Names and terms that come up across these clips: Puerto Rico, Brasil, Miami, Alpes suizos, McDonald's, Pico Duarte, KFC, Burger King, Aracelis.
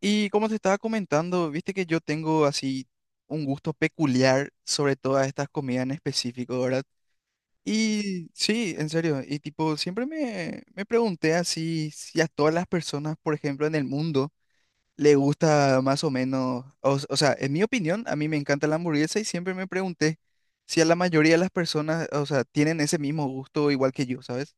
Y como te estaba comentando, viste que yo tengo así un gusto peculiar sobre todas estas comidas en específico, ¿verdad? Y sí, en serio, y tipo, siempre me pregunté así si a todas las personas, por ejemplo, en el mundo, le gusta más o menos, o, o sea, en mi opinión, a mí me encanta la hamburguesa y siempre me pregunté si a la mayoría de las personas, o sea, tienen ese mismo gusto igual que yo, ¿sabes?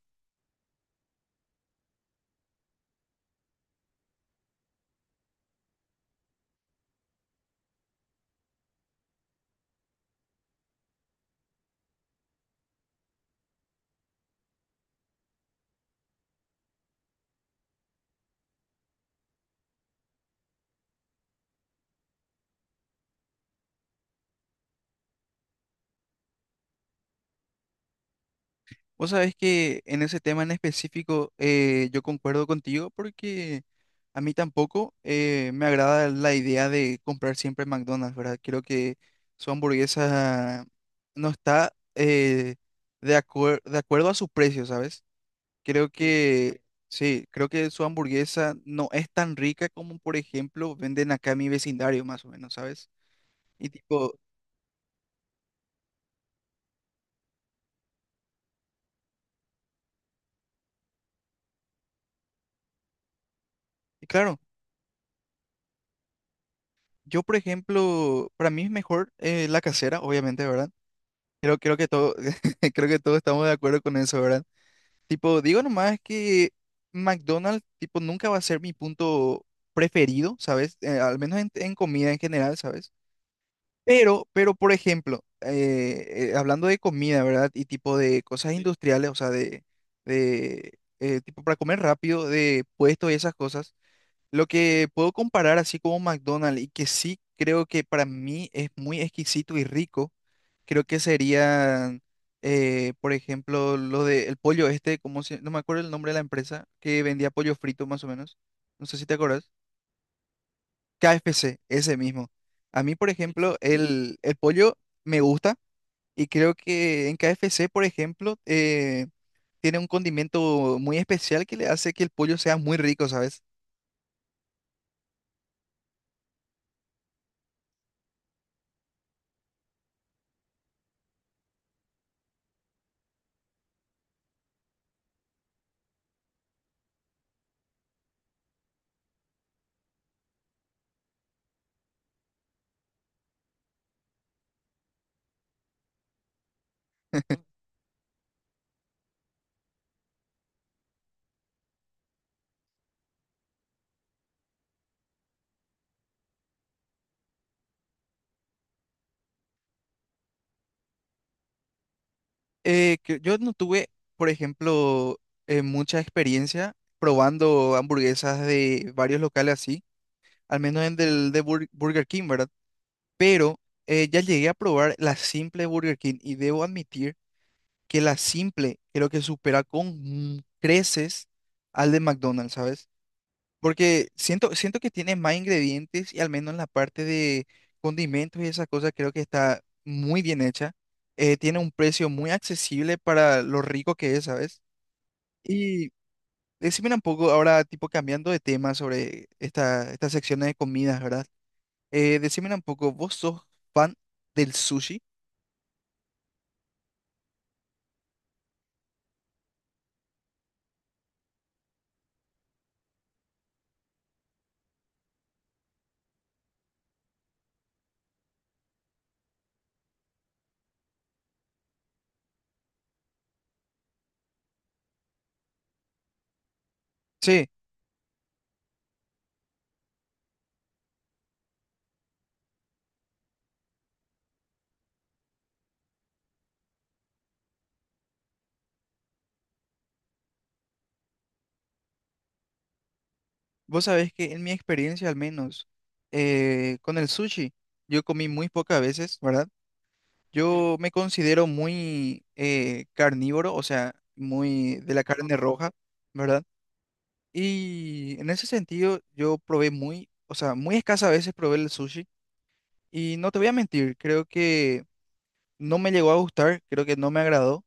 Vos sabés que en ese tema en específico yo concuerdo contigo porque a mí tampoco me agrada la idea de comprar siempre McDonald's, ¿verdad? Creo que su hamburguesa no está de acuerdo a su precio, ¿sabes? Creo sí que sí, creo que su hamburguesa no es tan rica como, por ejemplo, venden acá en mi vecindario, más o menos, ¿sabes? Y tipo, y claro, yo, por ejemplo, para mí es mejor la casera, obviamente, ¿verdad? Creo que todo, creo que todos estamos de acuerdo con eso, ¿verdad? Tipo, digo nomás que McDonald's, tipo, nunca va a ser mi punto preferido, ¿sabes? Al menos en comida en general, ¿sabes? Pero, por ejemplo, hablando de comida, ¿verdad? Y tipo de cosas sí industriales, o sea, de tipo para comer rápido, de puestos y esas cosas. Lo que puedo comparar así como McDonald's y que sí creo que para mí es muy exquisito y rico. Creo que serían, por ejemplo, lo de el pollo este, como no me acuerdo el nombre de la empresa, que vendía pollo frito más o menos. No sé si te acuerdas. KFC, ese mismo. A mí, por ejemplo, el pollo me gusta y creo que en KFC, por ejemplo, tiene un condimento muy especial que le hace que el pollo sea muy rico, ¿sabes? Que yo no tuve, por ejemplo, mucha experiencia probando hamburguesas de varios locales así al menos en del de Burger King, ¿verdad? Pero ya llegué a probar la simple de Burger King y debo admitir que la simple creo que supera con creces al de McDonald's, ¿sabes? Porque siento que tiene más ingredientes y al menos en la parte de condimentos y esas cosas creo que está muy bien hecha. Tiene un precio muy accesible para lo rico que es, ¿sabes? Y decime un poco ahora, tipo cambiando de tema sobre estas secciones de comidas, ¿verdad? Decímela un poco, ¿vos sos fan del sushi? Sí, vos sabés que en mi experiencia al menos con el sushi, yo comí muy pocas veces, ¿verdad? Yo me considero muy carnívoro, o sea, muy de la carne roja, ¿verdad? Y en ese sentido yo probé muy, o sea, muy escasas veces probé el sushi y no te voy a mentir, creo que no me llegó a gustar, creo que no me agradó.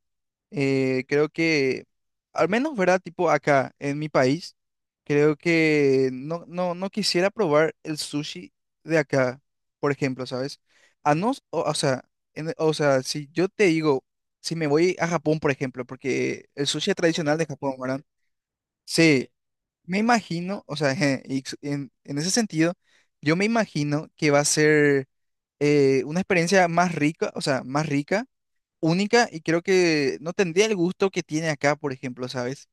Creo que, al menos, ¿verdad? Tipo acá en mi país, creo que no, no, no quisiera probar el sushi de acá, por ejemplo, ¿sabes? A no, o sea, o sea, si yo te digo, si me voy a Japón, por ejemplo, porque el sushi es tradicional de Japón, ¿verdad? Sí, me imagino, o sea, en ese sentido, yo me imagino que va a ser una experiencia más rica, o sea, más rica única y creo que no tendría el gusto que tiene acá, por ejemplo, ¿sabes?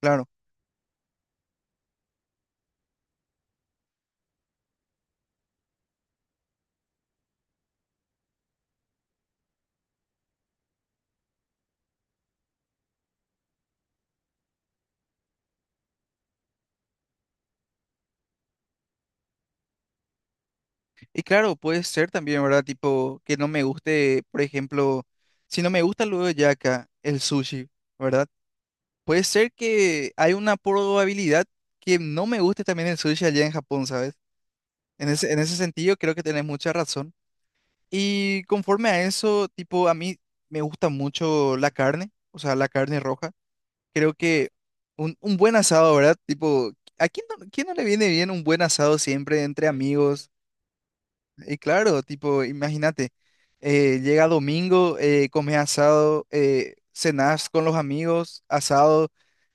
Claro. Y claro, puede ser también, ¿verdad? Tipo, que no me guste, por ejemplo, si no me gusta luego ya acá el sushi, ¿verdad? Puede ser que hay una probabilidad que no me guste también el sushi allá en Japón, ¿sabes? En ese sentido, creo que tenés mucha razón. Y conforme a eso, tipo, a mí me gusta mucho la carne, o sea, la carne roja. Creo que un buen asado, ¿verdad? Tipo, ¿a quién no le viene bien un buen asado siempre entre amigos? Y claro, tipo, imagínate, llega domingo, comes asado, cenás con los amigos, asado.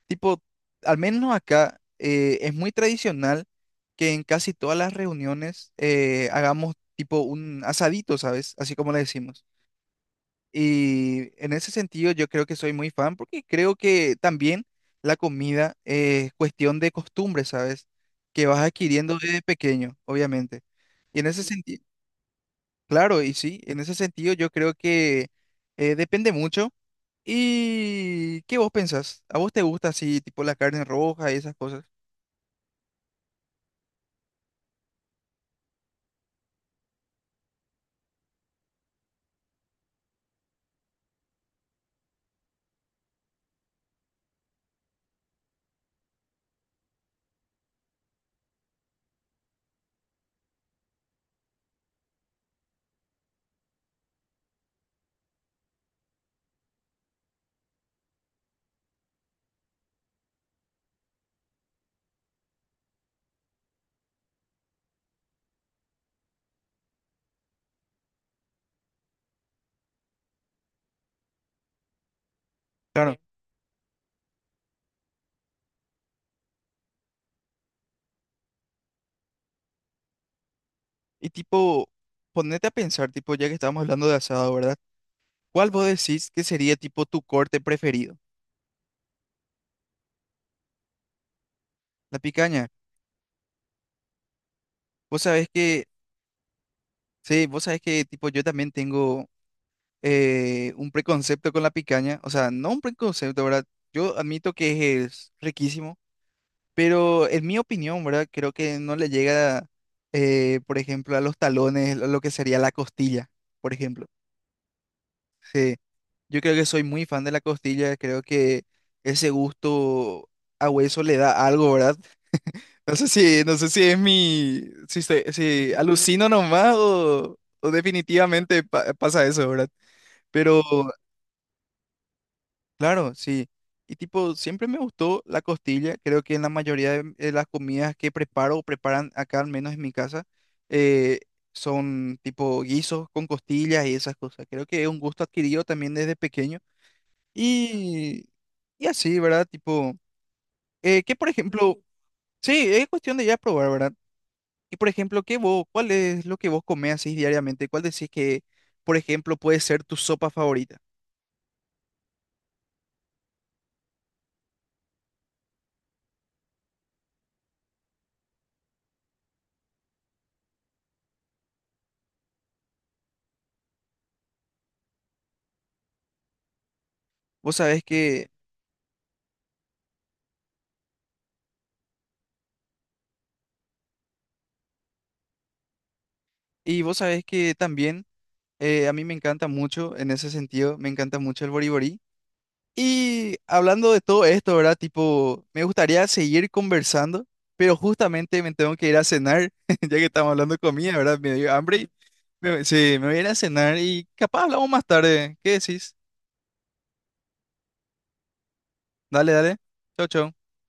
Tipo, al menos acá es muy tradicional que en casi todas las reuniones hagamos tipo un asadito, ¿sabes? Así como le decimos. Y en ese sentido yo creo que soy muy fan porque creo que también la comida es cuestión de costumbre, ¿sabes? Que vas adquiriendo desde pequeño, obviamente. Y en ese sentido, claro, y sí, en ese sentido yo creo que depende mucho. ¿Y qué vos pensás? ¿A vos te gusta así, tipo la carne roja y esas cosas? Claro. Sí. Y tipo, ponete a pensar, tipo, ya que estamos hablando de asado, ¿verdad? ¿Cuál vos decís que sería tipo tu corte preferido? La picaña. Vos sabés que sí, vos sabés que tipo yo también tengo un preconcepto con la picaña, o sea, no un preconcepto, ¿verdad? Yo admito que es riquísimo, pero en mi opinión, ¿verdad? Creo que no le llega, por ejemplo, a los talones lo que sería la costilla, por ejemplo. Sí, yo creo que soy muy fan de la costilla, creo que ese gusto a hueso le da algo, ¿verdad? No sé si, no sé si es mi, si, si alucino nomás o definitivamente pasa eso, ¿verdad? Pero claro, sí. Y tipo, siempre me gustó la costilla. Creo que en la mayoría de las comidas que preparo o preparan acá, al menos en mi casa, eh, son tipo guisos con costillas y esas cosas. Creo que es un gusto adquirido también desde pequeño. Y, y así, ¿verdad? Tipo, que por ejemplo, sí, es cuestión de ya probar, ¿verdad? Y por ejemplo, ¿qué vos, cuál es lo que vos comés así diariamente? ¿Cuál decís que, por ejemplo, puede ser tu sopa favorita? Vos sabés que, y vos sabés que también... a mí me encanta mucho en ese sentido, me encanta mucho el boriborí. Y hablando de todo esto, ¿verdad? Tipo, me gustaría seguir conversando, pero justamente me tengo que ir a cenar, ya que estamos hablando de comida, ¿verdad? Me dio hambre. Y me, sí, me voy a ir a cenar y capaz hablamos más tarde. ¿Qué decís? Dale, dale. Chau, chau.